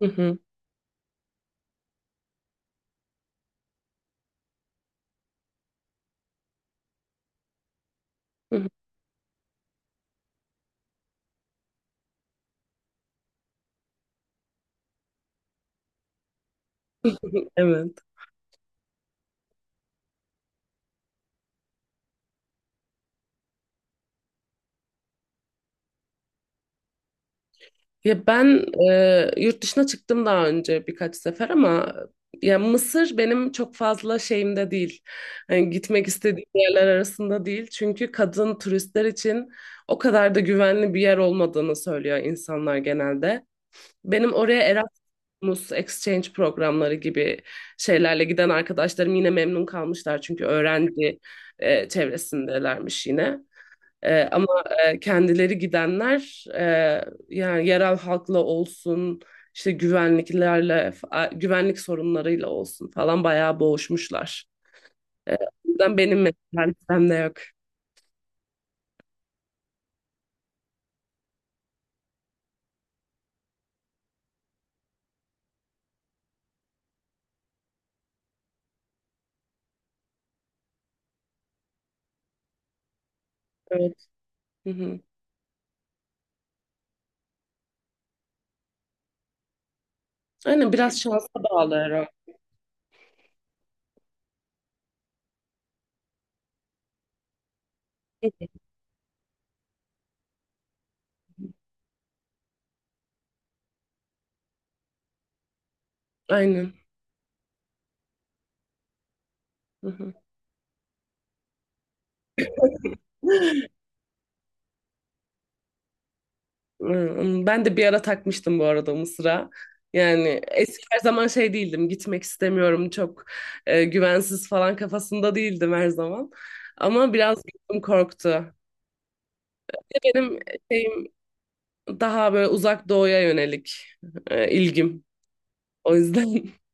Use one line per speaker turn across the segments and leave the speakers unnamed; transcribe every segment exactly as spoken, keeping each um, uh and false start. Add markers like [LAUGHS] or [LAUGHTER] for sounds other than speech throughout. Hı hı. Hı hı. [LAUGHS] Evet. Ya ben e, yurt dışına çıktım daha önce birkaç sefer ama ya Mısır benim çok fazla şeyimde değil. Hani gitmek istediğim yerler arasında değil. Çünkü kadın turistler için o kadar da güvenli bir yer olmadığını söylüyor insanlar genelde. Benim oraya Erasmus exchange programları gibi şeylerle giden arkadaşlarım yine memnun kalmışlar çünkü öğrenci e, çevresindelermiş yine. Ee, ama e, kendileri gidenler e, yani yerel halkla olsun işte güvenliklerle fa- güvenlik sorunlarıyla olsun falan bayağı boğuşmuşlar. Ee, o yüzden benim mesela listemde yok. Evet. Hı hı. Aynen, biraz şansa bağlı herhalde. Aynen. Hı hı. Hmm, ben de bir ara takmıştım bu arada Mısır'a. Yani eski her zaman şey değildim. Gitmek istemiyorum. Çok e, güvensiz falan kafasında değildim her zaman. Ama biraz gözüm korktu. Benim şeyim daha böyle uzak doğuya yönelik e, ilgim. O yüzden [LAUGHS]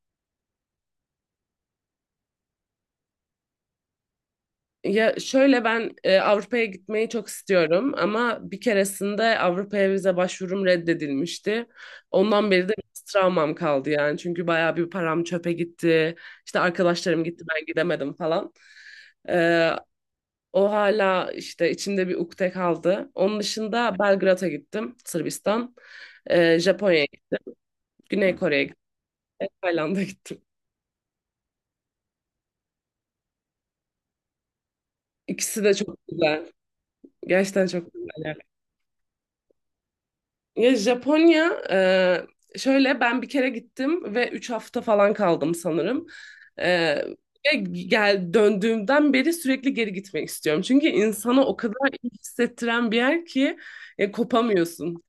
ya şöyle, ben e, Avrupa'ya gitmeyi çok istiyorum ama bir keresinde Avrupa'ya vize başvurum reddedilmişti. Ondan beri de biraz travmam kaldı yani. Çünkü bayağı bir param çöpe gitti. İşte arkadaşlarım gitti, ben gidemedim falan. E, o hala işte içimde bir ukde kaldı. Onun dışında Belgrad'a gittim, Sırbistan. E, Japonya'ya, gittim, Güney Kore'ye gittim, Tayland'a gittim. İkisi de çok güzel. Gerçekten çok güzel yani. Ya Japonya, e, şöyle ben bir kere gittim ve üç hafta falan kaldım sanırım. E, ve gel döndüğümden beri sürekli geri gitmek istiyorum. Çünkü insanı o kadar iyi hissettiren bir yer ki e, kopamıyorsun.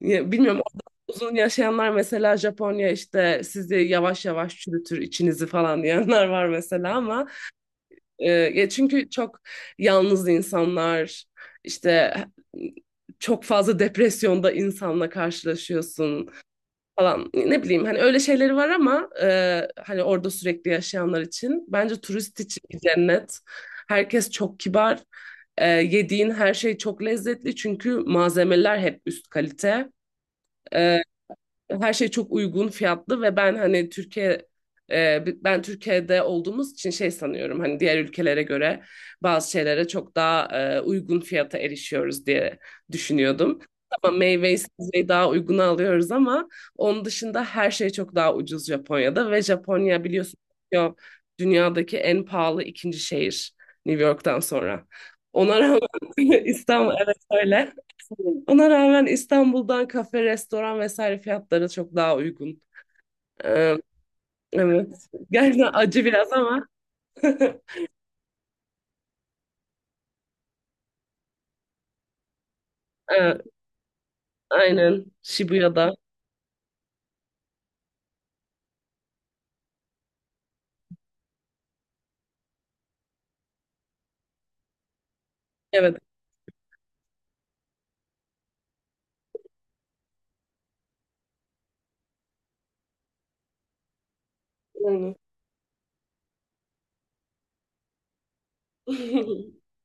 Ya, bilmiyorum, orada uzun yaşayanlar, mesela Japonya işte sizi yavaş yavaş çürütür içinizi falan diyenler var mesela ama. Ee, ya çünkü çok yalnız insanlar, işte çok fazla depresyonda insanla karşılaşıyorsun falan. Ne bileyim, hani öyle şeyleri var ama e, hani orada sürekli yaşayanlar için, bence turist için bir cennet. Herkes çok kibar. E, yediğin her şey çok lezzetli çünkü malzemeler hep üst kalite, her şey çok uygun fiyatlı ve ben hani Türkiye, e, ben Türkiye'de olduğumuz için şey sanıyorum, hani diğer ülkelere göre bazı şeylere çok daha e, uygun fiyata erişiyoruz diye düşünüyordum. Tamam, meyveyi sebzeyi daha uyguna alıyoruz ama onun dışında her şey çok daha ucuz Japonya'da ve Japonya biliyorsun, Tokyo dünyadaki en pahalı ikinci şehir, New York'tan sonra. Ona rağmen [LAUGHS] İstanbul evet, öyle. Ona rağmen İstanbul'dan kafe, restoran vesaire fiyatları çok daha uygun. Ee, evet. Gerçekten acı biraz ama. [LAUGHS] Evet, aynen. Shibuya'da. Evet, aynen. [LAUGHS]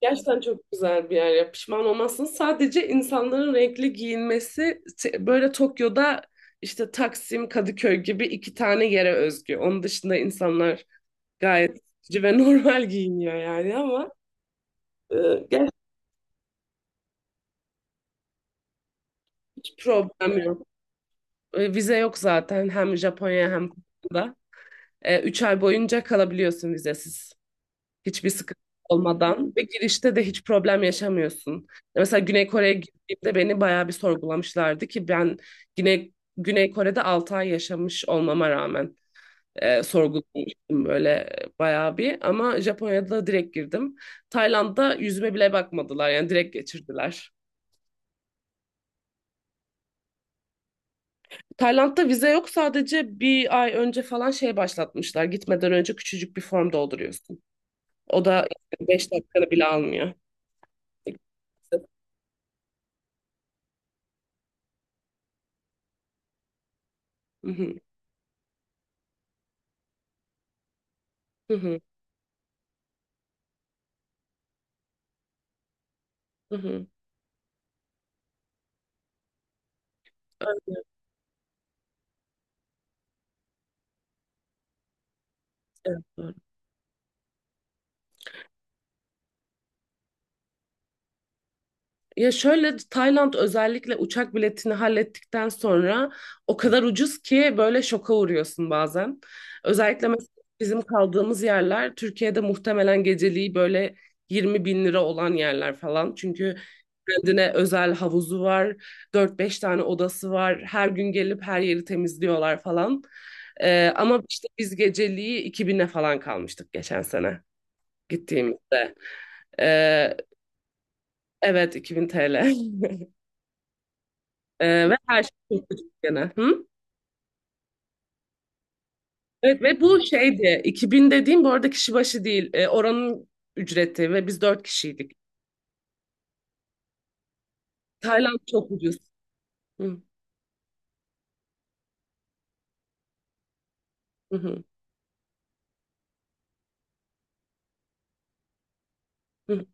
Gerçekten çok güzel bir yer ya. Pişman olmazsın. Sadece insanların renkli giyinmesi t- böyle Tokyo'da, işte Taksim, Kadıköy gibi iki tane yere özgü. Onun dışında insanlar gayet sıkıcı ve [LAUGHS] normal giyiniyor yani ama e, gerçekten hiç problem yok. E, Vize yok zaten, hem Japonya hem Kore'de. E, üç ay boyunca kalabiliyorsun vizesiz. Hiçbir sıkıntı olmadan ve girişte de hiç problem yaşamıyorsun. E, Mesela Güney Kore'ye gittiğimde beni bayağı bir sorgulamışlardı ki ben Güney Güney Kore'de altı ay yaşamış olmama rağmen e, sorgulamıştım böyle, e, bayağı bir, ama Japonya'da direkt girdim. Tayland'da yüzüme bile bakmadılar, yani direkt geçirdiler. Tayland'da vize yok, sadece bir ay önce falan şey başlatmışlar. Gitmeden önce küçücük bir form dolduruyorsun. O da beş dakikanı bile almıyor. Hı hı, hı hı, hı hı. Evet, evet. Ya şöyle, Tayland özellikle uçak biletini hallettikten sonra o kadar ucuz ki, böyle şoka uğruyorsun bazen. Özellikle mesela bizim kaldığımız yerler Türkiye'de muhtemelen geceliği böyle yirmi bin lira olan yerler falan. Çünkü kendine özel havuzu var, dört beş tane odası var, her gün gelip her yeri temizliyorlar falan. Ee, ama işte biz geceliği iki bine falan kalmıştık geçen sene gittiğimizde. Ee, evet, iki bin T L. [LAUGHS] Ee, ve her şey Türk dükkanı. Hı? Evet, ve bu şeydi, iki bin dediğim bu arada kişi başı değil. Ee, oranın ücreti ve biz dört kişiydik. Tayland çok ucuz. Hı, hı, hı, hı.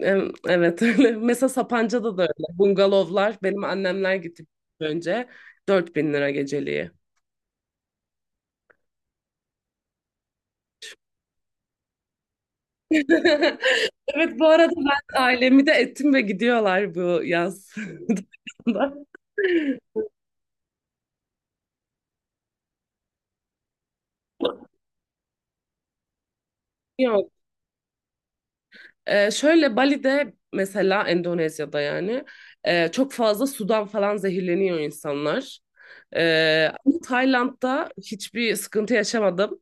Em, Evet [LAUGHS] öyle. Mesela Sapanca'da da öyle. Bungalovlar, benim annemler gitti önce, dört bin lira geceliği. [LAUGHS] Evet, bu arada ben ailemi de ettim ve gidiyorlar bu yaz. [LAUGHS] Ya, Ee, şöyle Bali'de mesela, Endonezya'da yani e, çok fazla sudan falan zehirleniyor insanlar. Ee, ama Tayland'da hiçbir sıkıntı yaşamadım.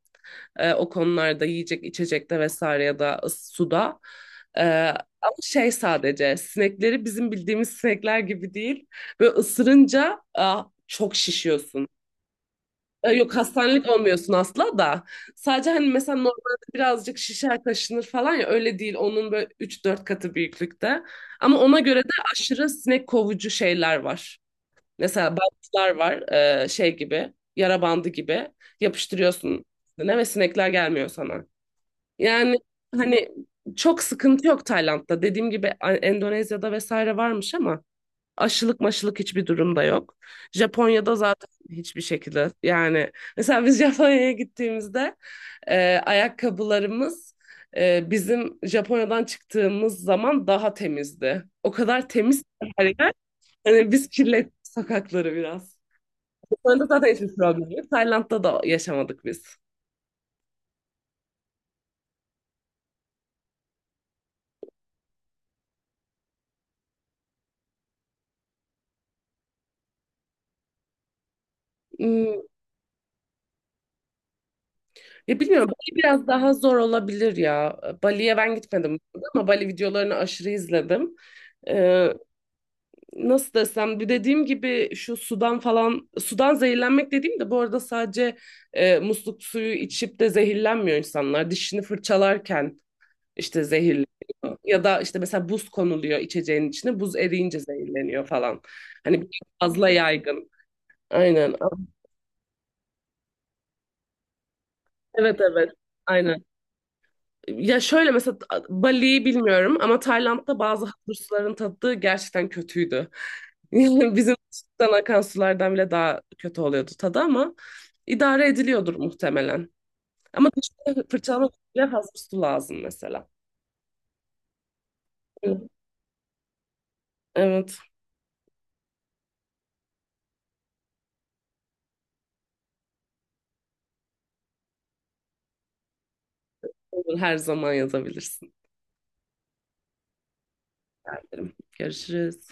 Ee, o konularda, yiyecek içecekte vesaire ya da ıs- suda. Ee, ama şey, sadece sinekleri bizim bildiğimiz sinekler gibi değil. Böyle ısırınca aa, çok şişiyorsun. E, Yok, hastanelik olmuyorsun asla da. Sadece hani mesela normalde birazcık şişer kaşınır falan, ya öyle değil. Onun böyle üç dört katı büyüklükte. Ama ona göre de aşırı sinek kovucu şeyler var. Mesela bantlar var, e, şey gibi, yara bandı gibi yapıştırıyorsun ne, ve sinekler gelmiyor sana. Yani hani çok sıkıntı yok Tayland'da. Dediğim gibi A- Endonezya'da vesaire varmış ama, aşılık maşılık hiçbir durumda yok. Japonya'da zaten hiçbir şekilde yani, mesela biz [LAUGHS] Japonya'ya gittiğimizde e, ayakkabılarımız, e, bizim Japonya'dan çıktığımız zaman daha temizdi. O kadar temiz ki her yer. Hani biz kirlettik sokakları biraz. Japonya'da zaten hiçbir problem yok. Tayland'da da yaşamadık biz. Hmm, ya bilmiyorum, Bali biraz daha zor olabilir ya. Bali'ye ben gitmedim ama Bali videolarını aşırı izledim. Ee, nasıl desem, bir dediğim gibi şu sudan falan, sudan zehirlenmek dediğim de bu arada, sadece e, musluk suyu içip de zehirlenmiyor insanlar. Dişini fırçalarken işte zehirleniyor. Ya da işte mesela buz konuluyor içeceğin içine, buz eriyince zehirleniyor falan. Hani biraz fazla yaygın. Aynen. Evet, evet. Aynen. Ya şöyle mesela, Bali'yi bilmiyorum ama Tayland'da bazı halı suların tadı gerçekten kötüydü. [LAUGHS] Bizim dışarıdan akan sulardan bile daha kötü oluyordu tadı ama, idare ediliyordur muhtemelen. Ama dışarıda fırçalamak için bile fazla su lazım mesela. Hı. Evet, olur, her zaman yazabilirsin. Görüşürüz.